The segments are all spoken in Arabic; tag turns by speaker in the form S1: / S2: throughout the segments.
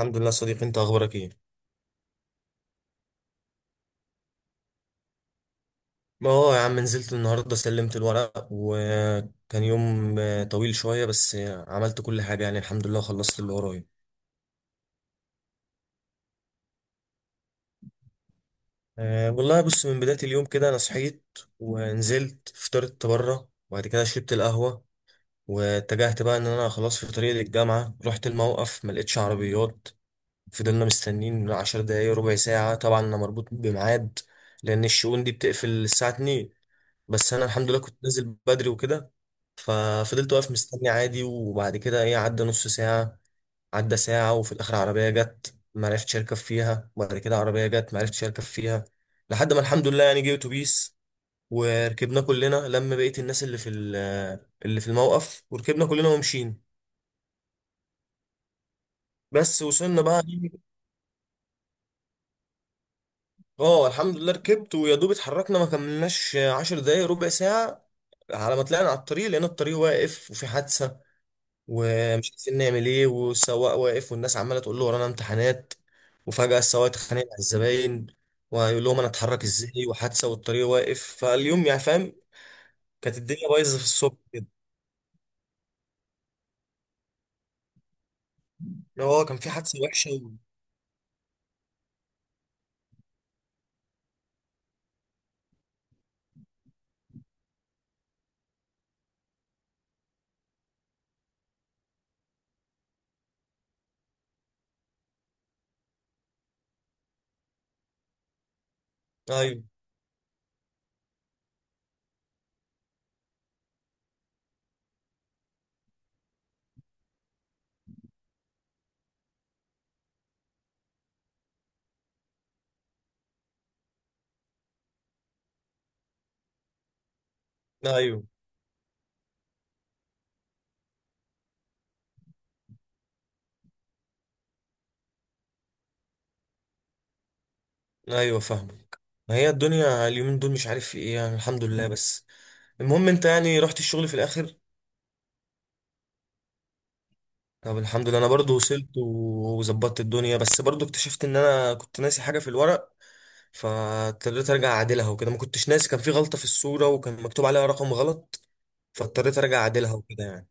S1: الحمد لله صديقي انت اخبارك ايه. ما هو يا عم نزلت النهارده سلمت الورق وكان يوم طويل شويه بس عملت كل حاجه يعني الحمد لله خلصت اللي ورايا. أه والله بص، من بدايه اليوم كده انا صحيت ونزلت فطرت بره وبعد كده شربت القهوه واتجهت بقى ان انا خلاص في طريق للجامعه. رحت الموقف ما لقيتش عربيات، فضلنا مستنيين 10 دقايق ربع ساعه، طبعا انا مربوط بميعاد لان الشؤون دي بتقفل الساعه 2. بس انا الحمد لله كنت نازل بدري وكده، ففضلت واقف مستني عادي. وبعد كده ايه عدى نص ساعة، عدى ساعة، وفي الاخر عربية جت ما عرفتش اركب فيها، وبعد كده عربية جت ما عرفتش اركب فيها، لحد ما الحمد لله يعني جه اتوبيس وركبنا كلنا، لما بقيت الناس اللي في اللي في الموقف، وركبنا كلنا ومشينا. بس وصلنا بقى إيه، اه الحمد لله ركبت، ويا دوب اتحركنا ما كملناش 10 دقايق ربع ساعة، على ما طلعنا على الطريق لقينا الطريق واقف وفي حادثة، ومش عارفين نعمل ايه، والسواق واقف والناس عماله تقول له ورانا امتحانات، وفجاه السواق اتخانق مع الزباين ويقول لهم انا اتحرك ازاي وحادثه والطريق واقف. فاليوم يعني فاهم، كانت الدنيا بايظه في الصبح كده، اللي هو كان في حادثه وحشه. ايوه، ايوه، ايوه فاهمك. ما هي الدنيا اليومين دول مش عارف في ايه، يعني الحمد لله بس. المهم انت يعني رحت الشغل في الاخر؟ طب الحمد لله انا برضو وصلت وظبطت الدنيا، بس برضو اكتشفت ان انا كنت ناسي حاجه في الورق، فاضطريت ارجع اعدلها وكده. ما كنتش ناسي، كان في غلطة في الصورة وكان مكتوب عليها رقم غلط، فاضطريت ارجع اعدلها وكده يعني.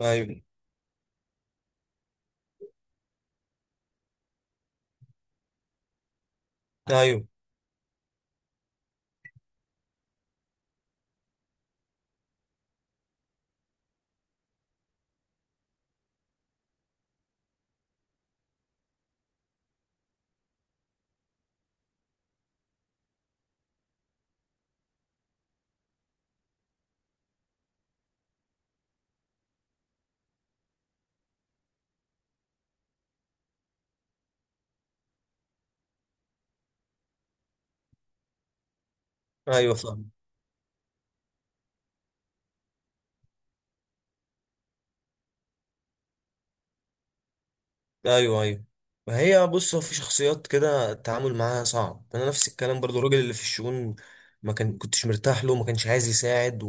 S1: ايوه، ايوه، ايوه فاهم. ايوه، ايوه. ما هي بص، هو في شخصيات كده التعامل معاها صعب. انا نفس الكلام برضو، الراجل اللي في الشؤون ما كان كنتش مرتاح له، ما كانش عايز يساعد،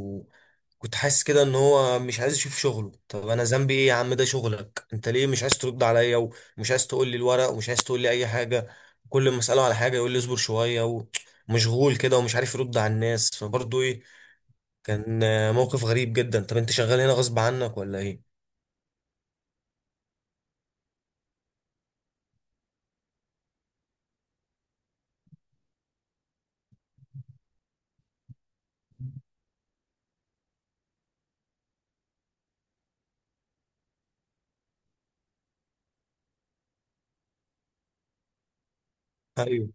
S1: كنت حاسس كده ان هو مش عايز يشوف شغله. طب انا ذنبي ايه يا عم؟ ده شغلك انت، ليه مش عايز ترد عليا ومش عايز تقول لي الورق ومش عايز تقول لي اي حاجه؟ كل ما اساله على حاجه يقول لي اصبر شويه، ومشغول كده ومش عارف يرد على الناس. فبرضه ايه كان موقف غريب جدا. طب انت شغال هنا غصب عنك ولا ايه؟ ايوه،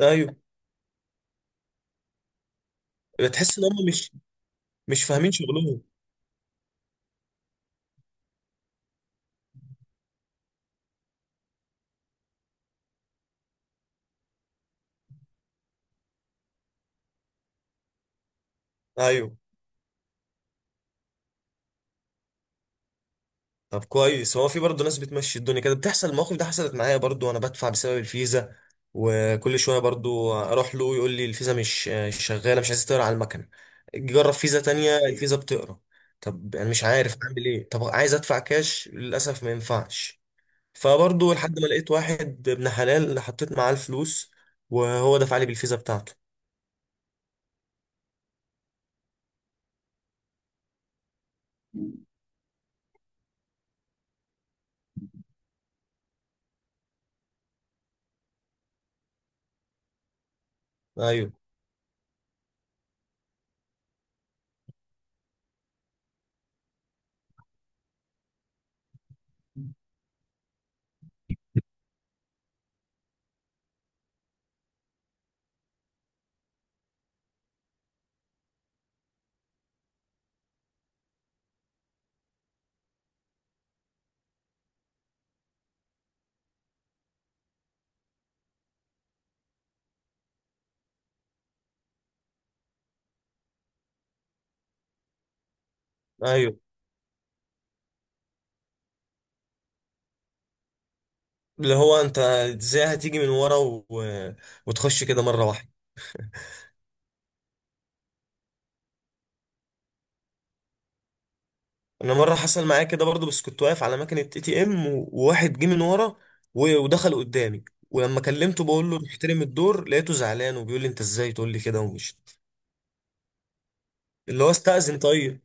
S1: ايوه، بتحس ان هم مش فاهمين شغلهم. ايوه. طب كويس، هو في برضه ناس بتمشي الدنيا كده، بتحصل المواقف. ده حصلت معايا برضه وانا بدفع بسبب الفيزا، وكل شويه برضه اروح له يقول لي الفيزا مش شغاله، مش عايز تقرا على المكنه. أجي اجرب فيزا تانية، الفيزا بتقرا. طب انا مش عارف اعمل ايه، طب عايز ادفع كاش للاسف ما ينفعش. فبرضه لحد ما لقيت واحد ابن حلال اللي حطيت معاه الفلوس وهو دفع لي بالفيزا بتاعته. ايوه، ايوه، اللي هو انت ازاي هتيجي من ورا وتخش كده مره واحده. انا مره حصل معايا كده برضو، بس كنت واقف على مكنه ATM وواحد جه من ورا ودخل قدامي، ولما كلمته بقول له محترم الدور لقيته زعلان وبيقول لي انت ازاي تقول لي كده ومش اللي هو استأذن طيب.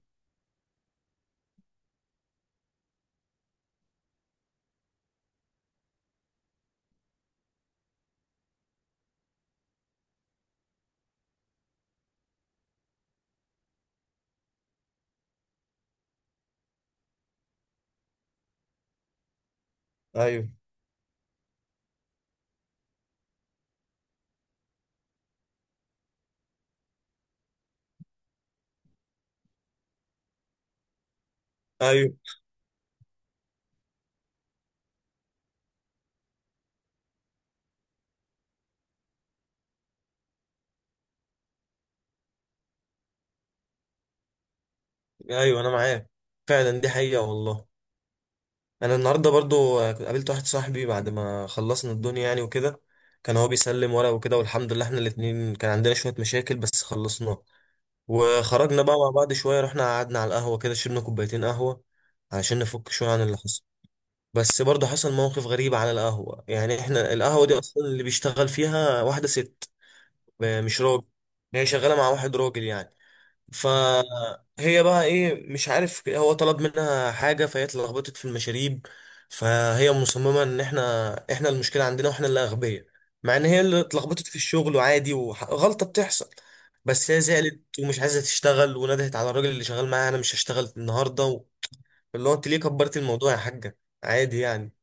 S1: ايوه، ايوه، ايوه انا معاك، فعلا دي حقيقه والله. انا النهارده برضو قابلت واحد صاحبي بعد ما خلصنا الدنيا يعني وكده، كان هو بيسلم ورق وكده، والحمد لله احنا الاتنين كان عندنا شويه مشاكل بس خلصناها. وخرجنا بقى مع بعض شوية، رحنا قعدنا على القهوة كده، شربنا كوبايتين قهوة علشان نفك شوية عن اللي حصل. بس برضه حصل موقف غريب على القهوة. يعني احنا القهوة دي أصلا اللي بيشتغل فيها واحدة ست، مش راجل، هي شغالة مع واحد راجل يعني. فهي بقى ايه، مش عارف هو طلب منها حاجة فهي اتلخبطت في المشاريب، فهي مصممة ان احنا المشكلة عندنا واحنا اللي اغبياء، مع ان هي اللي اتلخبطت في الشغل وعادي وغلطة بتحصل. بس هي زعلت ومش عايزة تشتغل، وندهت على الراجل اللي شغال معاها انا مش هشتغل النهاردة، اللي هو انت ليه كبرت الموضوع يا حاجة؟ عادي يعني.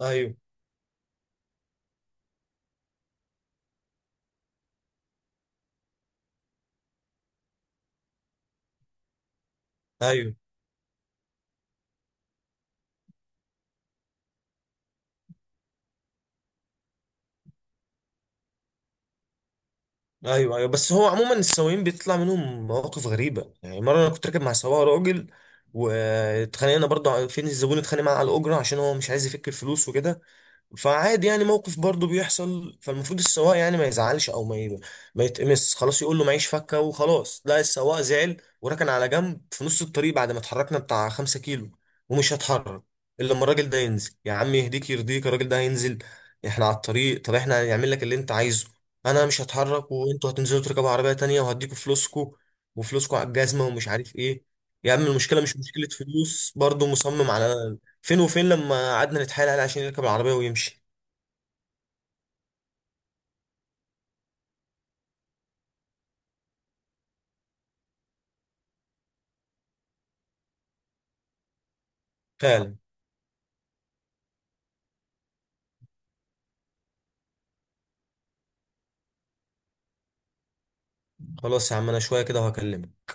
S1: ايوه، ايوه، ايوه، ايوه. بس هو عموما السواقين بيطلع منهم مواقف غريبه يعني. مره انا كنت راكب مع سواق راجل، واتخانقنا برضه فين الزبون اتخانق معاه على الاجره عشان هو مش عايز يفك الفلوس وكده. فعادي يعني، موقف برضه بيحصل، فالمفروض السواق يعني ما يزعلش او ما يتقمص خلاص، يقول له معيش فكه وخلاص. لا، السواق زعل وركن على جنب في نص الطريق بعد ما اتحركنا بتاع 5 كيلو، ومش هتحرك الا لما الراجل ده ينزل. يا عم يهديك، يرضيك الراجل ده هينزل، احنا على الطريق، طب احنا هنعمل لك اللي انت عايزه. انا مش هتحرك وانتوا هتنزلوا تركبوا عربيه تانية وهديكوا فلوسكوا، وفلوسكوا على الجزمه ومش عارف ايه. يا عم المشكله مش مشكله فلوس، برضه مصمم على فين وفين. لما قعدنا نتحايل عليه عشان يركب العربية ويمشي. فعلا. خلاص يا عم، انا شوية كده وهكلمك.